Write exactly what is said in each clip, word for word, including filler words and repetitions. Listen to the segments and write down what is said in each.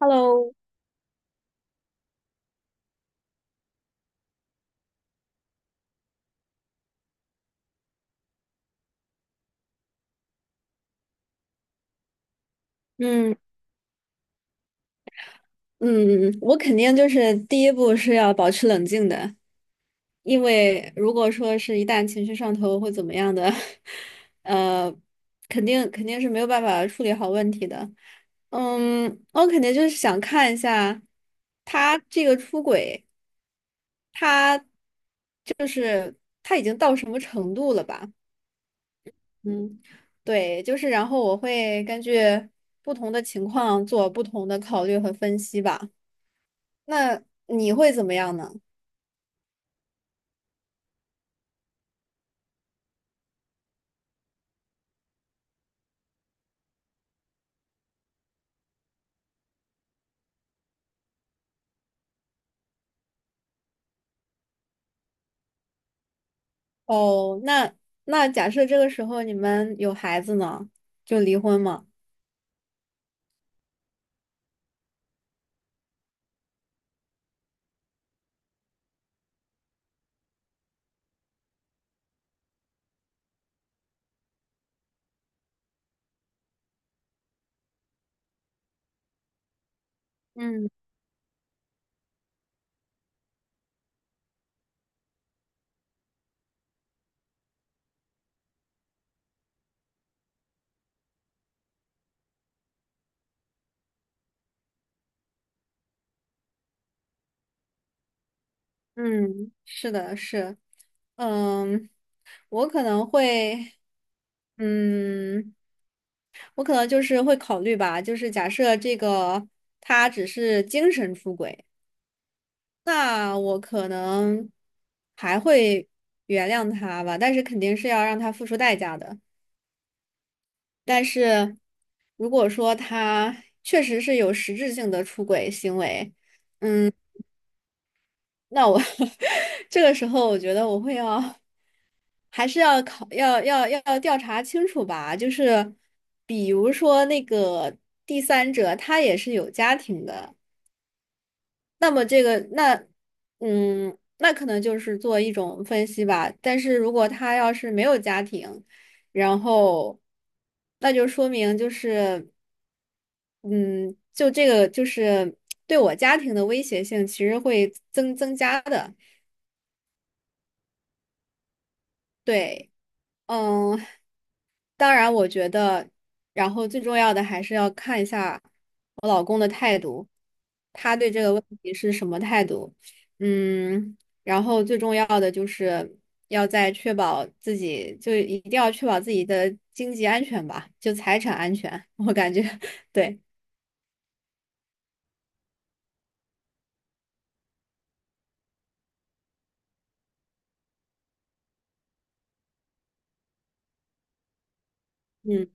Hello。嗯嗯，我肯定就是第一步是要保持冷静的，因为如果说是一旦情绪上头会怎么样的，呃，肯定肯定是没有办法处理好问题的。嗯，我肯定就是想看一下他这个出轨，他他已经到什么程度了吧？嗯，对，就是然后我会根据不同的情况做不同的考虑和分析吧。那你会怎么样呢？哦，那那假设这个时候你们有孩子呢，就离婚嘛。嗯嗯，是的，是，嗯，我可能会，嗯，我可能就是会考虑吧，就是假设这个他只是精神出轨，那我可能还会原谅他吧，但是肯定是要让他付出代价的。但是如果说他确实是有实质性的出轨行为，嗯。那我 这个时候，我觉得我会要还是要考要要要调查清楚吧。就是比如说那个第三者，他也是有家庭的，那么这个那嗯，那可能就是做一种分析吧。但是如果他要是没有家庭，然后那就说明就是嗯，就这个就是对我家庭的威胁性其实会增增加的，对。嗯，当然，我觉得，然后最重要的还是要看一下我老公的态度，他对这个问题是什么态度。嗯，然后最重要的就是要在确保自己，就一定要确保自己的经济安全吧，就财产安全。我感觉，对。嗯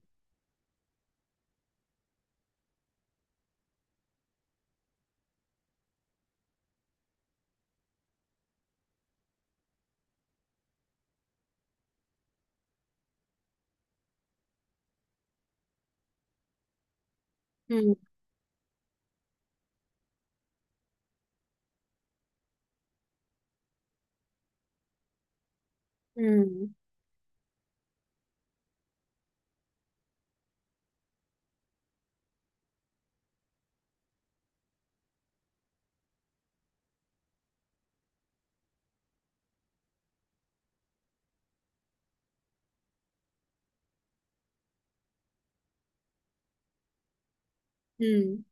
嗯嗯嗯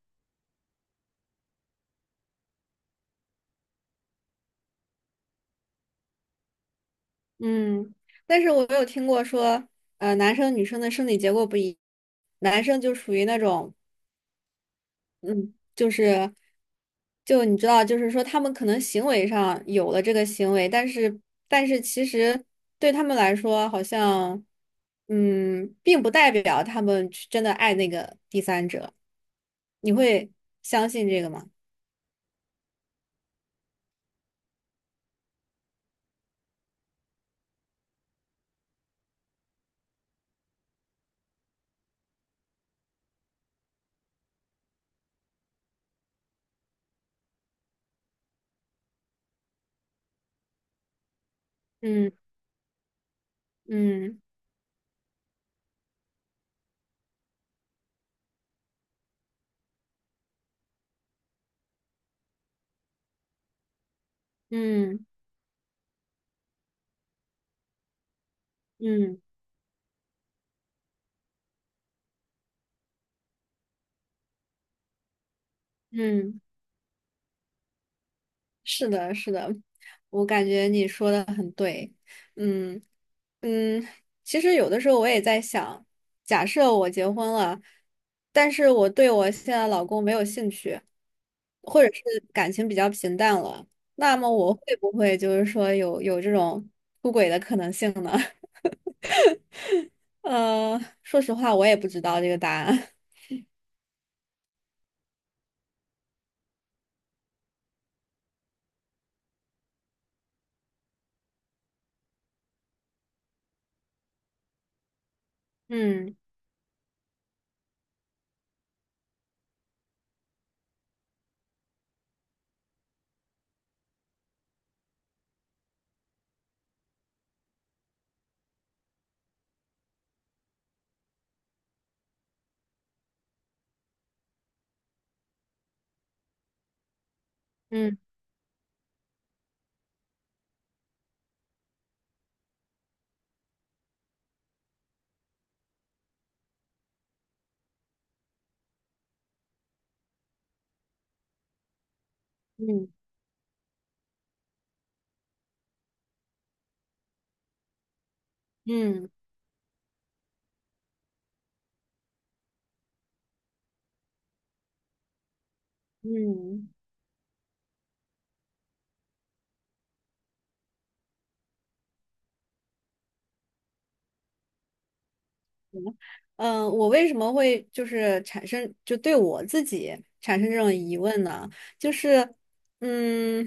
嗯。但是我有听过说，呃，男生女生的生理结构不一，男生就属于那种。嗯，就是，就你知道，就是说他们可能行为上有了这个行为，但是但是其实对他们来说，好像嗯，并不代表他们去真的爱那个第三者。你会相信这个吗？嗯嗯嗯嗯嗯，是的，是的，我感觉你说的很对。嗯，嗯，其实有的时候我也在想，假设我结婚了，但是我对我现在老公没有兴趣，或者是感情比较平淡了，那么我会不会就是说有有这种出轨的可能性呢？呃，说实话，我也不知道这个答案。嗯嗯嗯嗯嗯。嗯，呃我为什么会就是产生就对我自己产生这种疑问呢？就是，嗯，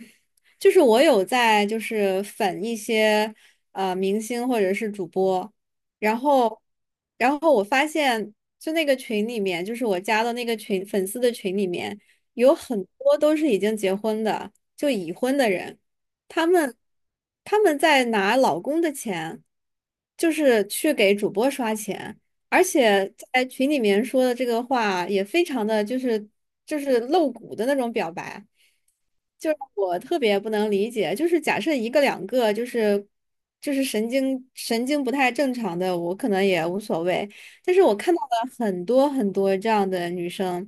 就是我有在就是粉一些呃明星或者是主播，然后，然后我发现就那个群里面，就是我加的那个群粉丝的群里面，有很多都是已经结婚的，就已婚的人，他们他们在拿老公的钱，就是去给主播刷钱。而且在群里面说的这个话也非常的就是就是露骨的那种表白，就是我特别不能理解，就是假设一个两个就是就是神经神经不太正常的，我可能也无所谓，但是我看到了很多很多这样的女生，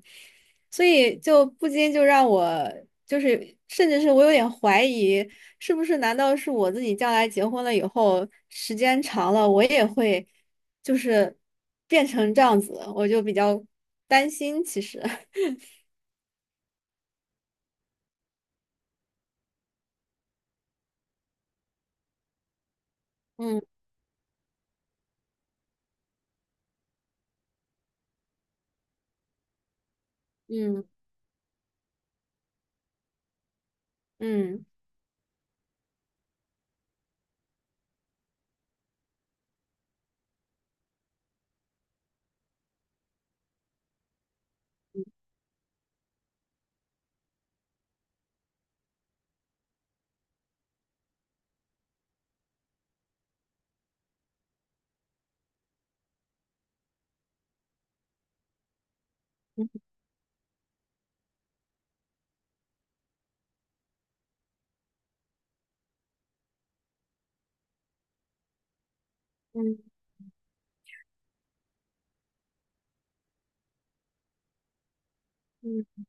所以就不禁就让我就是。甚至是我有点怀疑，是不是难道是我自己将来结婚了以后，时间长了，我也会就是变成这样子，我就比较担心。其实，嗯嗯嗯嗯嗯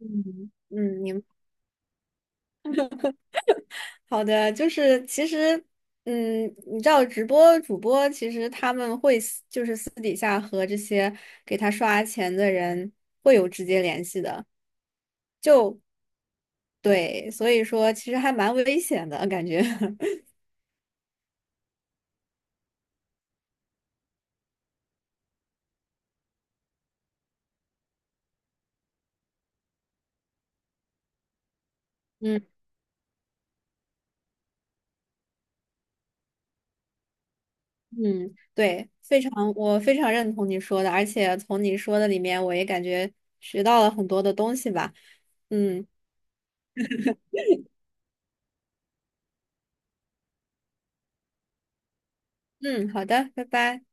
嗯嗯，明白，好的，就是其实，嗯，你知道直播主播其实他们会私就是私底下和这些给他刷钱的人会有直接联系的，对，所以说其实还蛮危险的感觉。嗯。嗯，对，非常，我非常认同你说的，而且从你说的里面，我也感觉学到了很多的东西吧。嗯嗯，好的，拜拜。